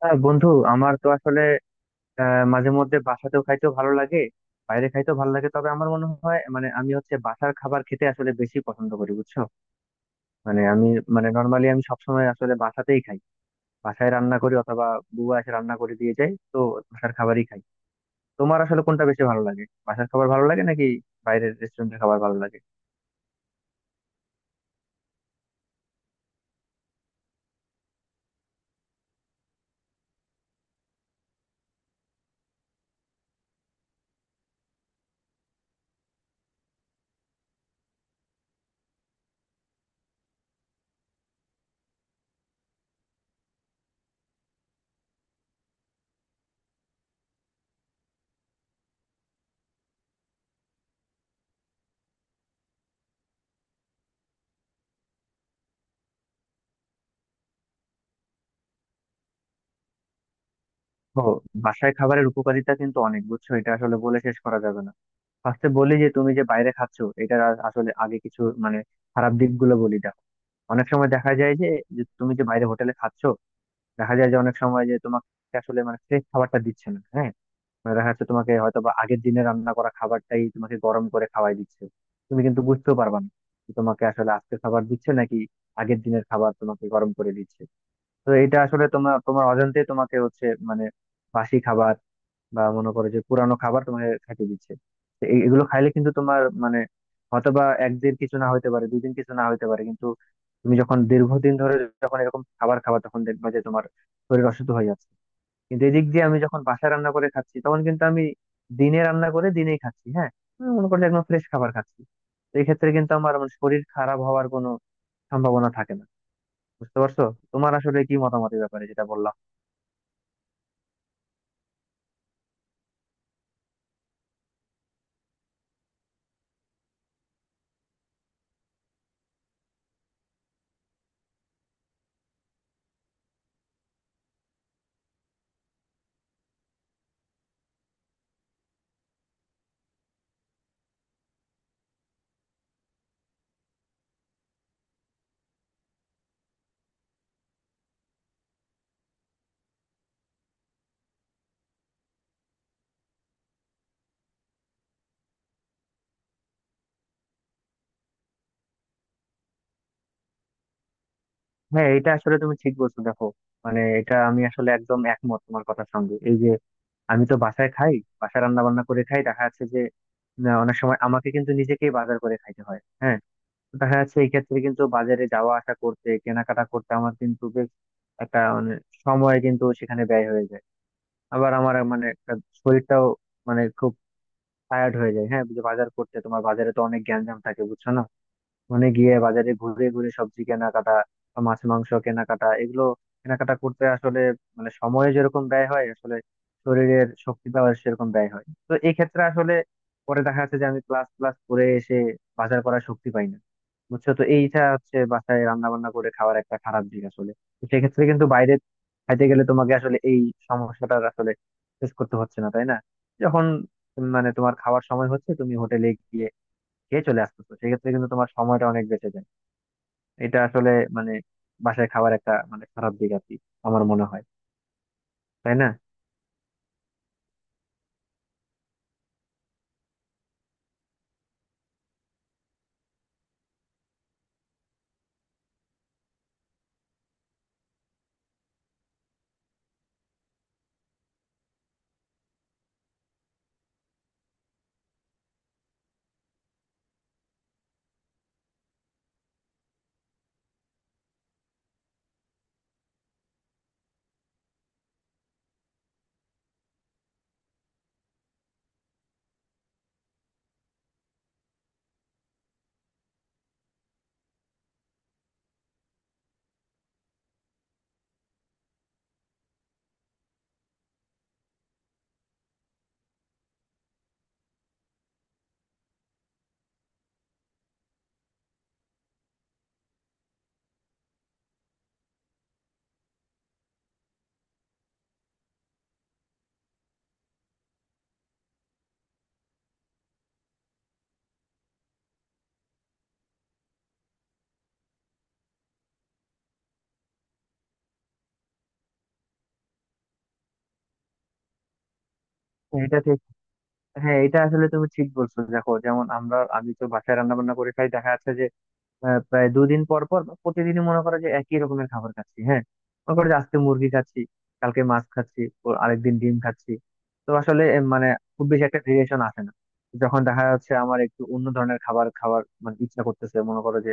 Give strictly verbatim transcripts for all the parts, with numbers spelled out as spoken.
হ্যাঁ বন্ধু, আমার তো আসলে আহ, মাঝে মধ্যে বাসাতেও খাইতেও ভালো লাগে, বাইরে খাইতেও ভালো লাগে। তবে আমার মনে হয়, মানে আমি হচ্ছে বাসার খাবার খেতে আসলে বেশি পছন্দ করি, বুঝছো। মানে আমি মানে নর্মালি আমি সবসময় আসলে বাসাতেই খাই। বাসায় রান্না করি অথবা বুয়া এসে রান্না করে দিয়ে যায়, তো বাসার খাবারই খাই। তোমার আসলে কোনটা বেশি ভালো লাগে? বাসার খাবার ভালো লাগে নাকি বাইরের রেস্টুরেন্টের খাবার ভালো লাগে? ও, বাসায় খাবারের উপকারিতা কিন্তু অনেক, বুঝছো। এটা আসলে বলে শেষ করা যাবে না। ফার্স্টে বলি যে তুমি যে বাইরে খাচ্ছ, এটার আ- আসলে আগে কিছু, মানে খারাপ দিকগুলো বলি, দেখো। অনেক সময় দেখা যায় যে, যে তুমি যে বাইরে হোটেলে খাচ্ছ, দেখা যায় যে অনেক সময় যে তোমাকে আসলে মানে ফ্রেশ খাবারটা দিচ্ছে না। হ্যাঁ, মানে দেখা যাচ্ছে তোমাকে হয়তো বা আগের দিনে রান্না করা খাবারটাই তোমাকে গরম করে খাওয়াই দিচ্ছে। তুমি কিন্তু বুঝতেও পারবা না যে তোমাকে আসলে আজকে খাবার দিচ্ছে নাকি আগের দিনের খাবার তোমাকে গরম করে দিচ্ছে। তো এটা আসলে তোমার তোমার অজান্তে তোমাকে হচ্ছে মানে বাসি খাবার বা মনে করো যে পুরানো খাবার তোমাকে খাইতে দিচ্ছে। তো এই- এগুলো খাইলে কিন্তু তোমার মানে হয়তোবা একদিন কিছু না হইতে পারে, দুদিন কিছু না হইতে পারে, কিন্তু তুমি যখন দীর্ঘদিন ধরে, যখন এরকম খাবার খাবা, তখন দেখবা যে তোমার শরীর অসুস্থ হয়ে যাচ্ছে। কিন্তু এদিক দিয়ে আমি যখন বাসায় রান্না করে খাচ্ছি, তখন কিন্তু আমি দিনে রান্না করে দিনেই খাচ্ছি। হ্যাঁ, আমি মনে করলে একদম ফ্রেশ খাবার খাচ্ছি। তো এই ক্ষেত্রে কিন্তু আমার মানে শরীর খারাপ হওয়ার কোনো সম্ভাবনা থাকে না। বুঝতে পারছো? তোমার আসলে কি মতামত এই ব্যাপারে যেটা বললাম? হ্যাঁ এটা আসলে তুমি ঠিক বলছো, দেখো। মানে এটা আমি আসলে একদম একমত তোমার কথার সঙ্গে। এই যে আমি তো বাসায় খাই, বাসায় রান্না বান্না করে খাই, দেখা যাচ্ছে যে না, অনেক সময় আমাকে কিন্তু নিজেকেই বাজার করে খাইতে হয়। হ্যাঁ, তো দেখা যাচ্ছে এই ক্ষেত্রে কিন্তু বাজারে যাওয়া আসা করতে, কেনাকাটা করতে, আমার কিন্তু বেশ একটা মানে সময় কিন্তু সেখানে ব্যয় হয়ে যায়। আবার আমার মানে একটা শরীরটাও মানে খুব টায়ার্ড হয়ে যায়। হ্যাঁ, যে বাজার করতে তোমার বাজারে তো অনেক গ্যাঞ্জাম থাকে, বুঝছো না। মানে গিয়ে বাজারে ঘুরে ঘুরে সবজি কেনাকাটা বা মাছ মাংস কেনাকাটা এগুলো কেনাকাটা করতে আসলে মানে সময়ে যেরকম ব্যয় হয়, আসলে শরীরের শক্তি পাওয়ার সেরকম ব্যয় হয়। তো এই ক্ষেত্রে আসলে পরে দেখা যাচ্ছে যে আমি ক্লাস ক্লাস করে এসে বাজার করার শক্তি পাই না, বুঝছো। তো এইটা হচ্ছে বাসায় রান্না বান্না করে খাওয়ার একটা খারাপ দিক আসলে। তো সেক্ষেত্রে কিন্তু বাইরে খাইতে গেলে তোমাকে আসলে এই সমস্যাটা আসলে ফেস করতে হচ্ছে না, তাই না? যখন উম, মানে তোমার খাওয়ার সময় হচ্ছে, তুমি হোটেলে গিয়ে খেয়ে চলে আসতেছো, সেক্ষেত্রে কিন্তু তোমার সময়টা অনেক বেঁচে যায়। এটা আসলে মানে বাসায় খাওয়ার একটা মানে খারাপ দিক আর কি। আমার মনে হয়, তাই না? তো এটা ঠিক। হ্যাঁ এটা আসলে তুমি ঠিক বলছো, দেখো। যেমন আমরা, আমি তো বাসায় রান্না বান্না করে খাই, দেখা যাচ্ছে যে আহ, প্রায় দুদিন পর পর বা প্রতিদিনই মনে করো যে একই রকমের খাবার খাচ্ছি। হ্যাঁ, মনে করো যে আজকে মুরগি খাচ্ছি, কালকে মাছ খাচ্ছি, ও আরেকদিন ডিম খাচ্ছি। তো আসলে এ, মানে খুব বেশি একটা ভেরিয়েশন আসে না। যখন দেখা যাচ্ছে আমার একটু অন্য ধরনের খাবার খাওয়ার মানে ইচ্ছা করতেছে, মনে করো যে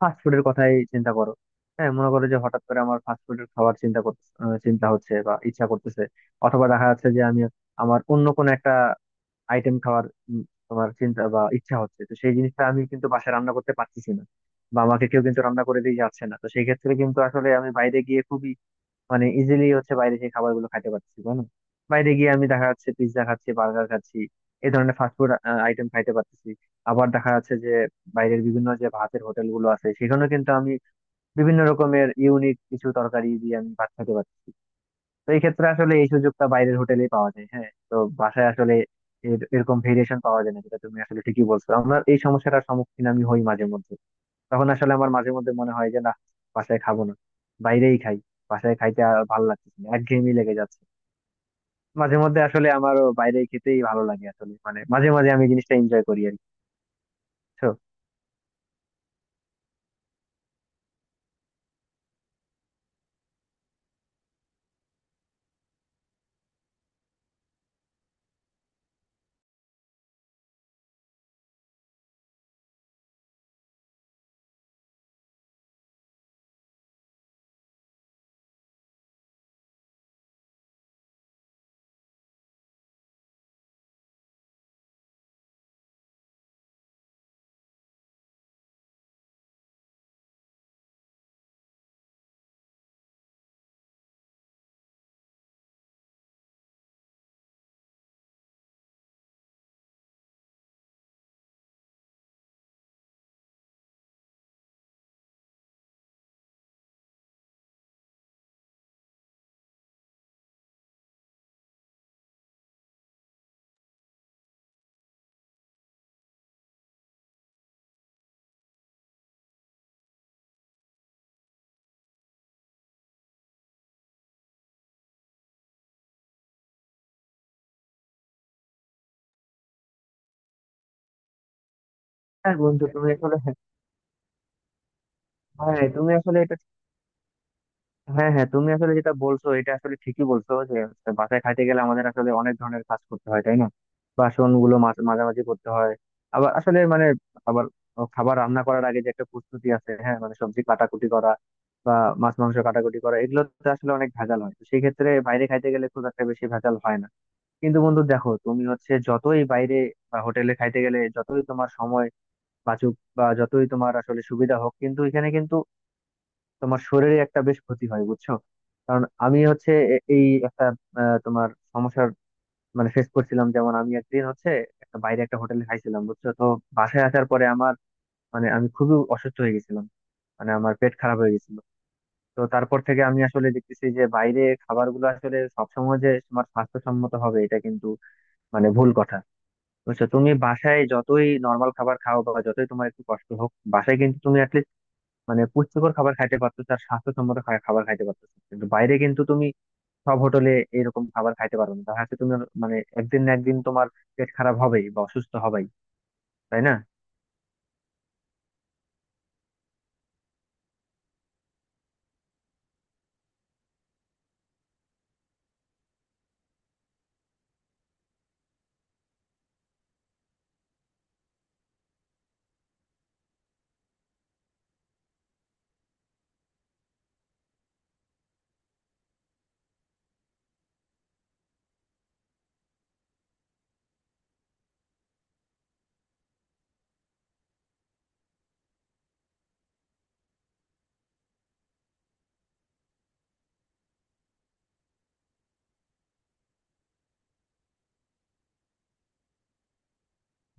ফাস্ট ফুডের কথাই চিন্তা করো। হ্যাঁ, মনে করো যে হঠাৎ করে আমার ফাস্ট ফুডের খাবার চিন্তা করতে আহ, চিন্তা হচ্ছে বা ইচ্ছা করতেছে। অথবা দেখা যাচ্ছে যে আমি, আমার অন্য কোনো একটা আইটেম খাওয়ার উম, তোমার চিন্তা বা ইচ্ছা হচ্ছে, তো সেই জিনিসটা আমি কিন্তু বাসায় রান্না করতে পারতেছি না বা আমাকে কেউ কিন্তু রান্না করে দিয়ে যাচ্ছে না। তো সেই ক্ষেত্রে কিন্তু আসলে আমি বাইরে গিয়ে খুবই, মানে ইজিলি হচ্ছে বাইরে সেই খাবার গুলো খাইতে পারতেছি, তাই না? বাইরে গিয়ে আমি দেখা যাচ্ছে পিৎজা খাচ্ছি, বার্গার খাচ্ছি, এই ধরনের ফাস্টফুড আইটেম খাইতে পারতেছি। আবার দেখা যাচ্ছে যে বাইরের বিভিন্ন যে ভাতের হোটেল গুলো আছে, সেখানে কিন্তু আমি বিভিন্ন রকমের ইউনিক কিছু তরকারি দিয়ে আমি ভাত খেতে পারতেছি। তো এই ক্ষেত্রে আসলে এই সুযোগটা বাইরের হোটেলেই পাওয়া যায়। হ্যাঁ, তো বাসায় আসলে এর- এরকম ভেরিয়েশন পাওয়া যায় না, যেটা তুমি আসলে ঠিকই বলছো। আমরা এই সমস্যাটার সম্মুখীন আমি হই মাঝে মধ্যে। তখন আসলে আমার মাঝে মধ্যে মনে হয় যে না, বাসায় খাবো না, বাইরেই খাই। বাসায় খাইতে আর ভালো লাগতেছে না, একঘেয়েমি লেগে যাচ্ছে। মাঝে মধ্যে আসলে আমারও বাইরে খেতেই ভালো লাগে আসলে, মানে মাঝে মাঝে আমি জিনিসটা এনজয় করি আর কি, বুঝছো? হ্যাঁ বন্ধু, তুমি আসলে হ্যাঁ। হ্যাঁ, তুমি আসলে এটা, হ্যাঁ হ্যাঁ তুমি আসলে যেটা বলছো এটা আসলে ঠিকই বলছো, যে হচ্ছে বাসায় খাইতে গেলে আমাদের আসলে অনেক ধরনের কাজ করতে হয়, তাই না। বাসন গুলো মাঝ- মাঝামাঝি করতে হয়। আবার আসলে মানে, আবার খাবার রান্না করার আগে যে একটা প্রস্তুতি আছে। হ্যাঁ, মানে সবজি কাটাকুটি করা বা মাছ মাংস কাটাকুটি করা, এগুলোতে আসলে অনেক ভেজাল হয়। তো সেই ক্ষেত্রে বাইরে খাইতে গেলে খুব একটা বেশি ভেজাল হয় না। কিন্তু বন্ধু দেখো, তুমি হচ্ছে যতই বাইরে বা হোটেলে খাইতে গেলে যতই তোমার সময় বাঁচুক বা যতই তোমার আসলে সুবিধা হোক, কিন্তু এখানে কিন্তু তোমার শরীরে একটা বেশ ক্ষতি হয়, বুঝছো। কারণ আমি হচ্ছে এ- এই একটা আহ, তোমার সমস্যার মানে ফেস করছিলাম। যেমন আমি একদিন হচ্ছে একটা বাইরে একটা হোটেলে খাইছিলাম, বুঝছো তো। বাসায় আসার পরে আমার মানে আমি খুবই অসুস্থ হয়ে গেছিলাম, মানে আমার পেট খারাপ হয়ে গেছিল। তো তারপর থেকে আমি আসলে দেখতেছি যে বাইরে খাবারগুলো আসলে সবসময় যে তোমার স্বাস্থ্যসম্মত হবে এটা কিন্তু মানে ভুল কথা, বুঝছো। তুমি বাসায় যতই নর্মাল খাবার খাও বা যতই তোমার একটু কষ্ট হোক, বাসায় কিন্তু তুমি মানে পুষ্টিকর খাবার খাইতে পারতেছে আর স্বাস্থ্যসম্মত খা- খাবার খাইতে পারতেছে। কিন্তু বাইরে কিন্তু তুমি সব হোটেলে এরকম খাবার খাইতে পারবে না। দেখা যাচ্ছে তুমি মানে একদিন না একদিন তোমার পেট খারাপ হবেই বা অসুস্থ হবেই, তাই না?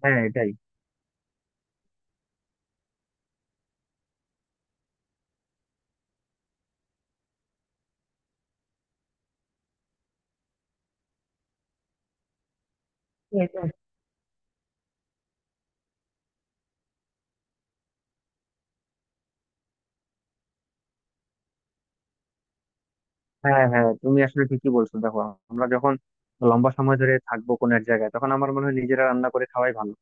হ্যাঁ এটাই। হ্যাঁ হ্যাঁ তুমি আসলে ঠিকই বলছো, দেখো। আমরা যখন লম্বা সময় ধরে থাকবো কোনো এক জায়গায়, তখন আমার মনে হয় নিজেরা রান্না করে খাওয়াই ভালো।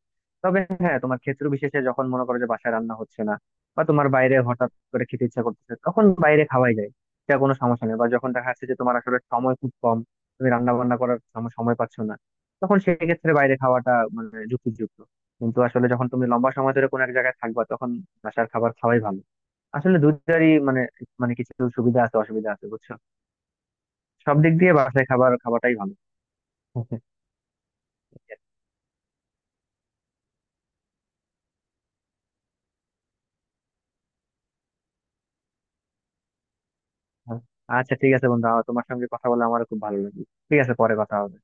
তবে হ্যাঁ, তোমার ক্ষেত্র বিশেষে যখন মনে করো যে বাসায় রান্না হচ্ছে না বা তোমার বাইরে হঠাৎ করে খেতে ইচ্ছা করতেছে, তখন বাইরে খাওয়াই যায়, সেটা কোনো সমস্যা নেই। বা যখন দেখা যাচ্ছে যে তোমার আসলে সময় খুব কম, তুমি রান্না বান্না করার সম- সময় পাচ্ছ না, তখন সেক্ষেত্রে বাইরে খাওয়াটা মানে যুক্তিযুক্ত। কিন্তু আসলে যখন তুমি লম্বা সময় ধরে কোনো এক জায়গায় থাকবা তখন বাসার খাবার খাওয়াই ভালো। আসলে দুটারই মানে, মানে কিছু সুবিধা আছে অসুবিধা আছে, বুঝছো। সব দিক দিয়ে বাসায় খাবার খাওয়াটাই ভালো। আচ্ছা ঠিক আছে বন্ধু, আমার তোমার সঙ্গে কথা বলে আমার খুব ভালো লাগলো। ঠিক আছে, পরে কথা হবে।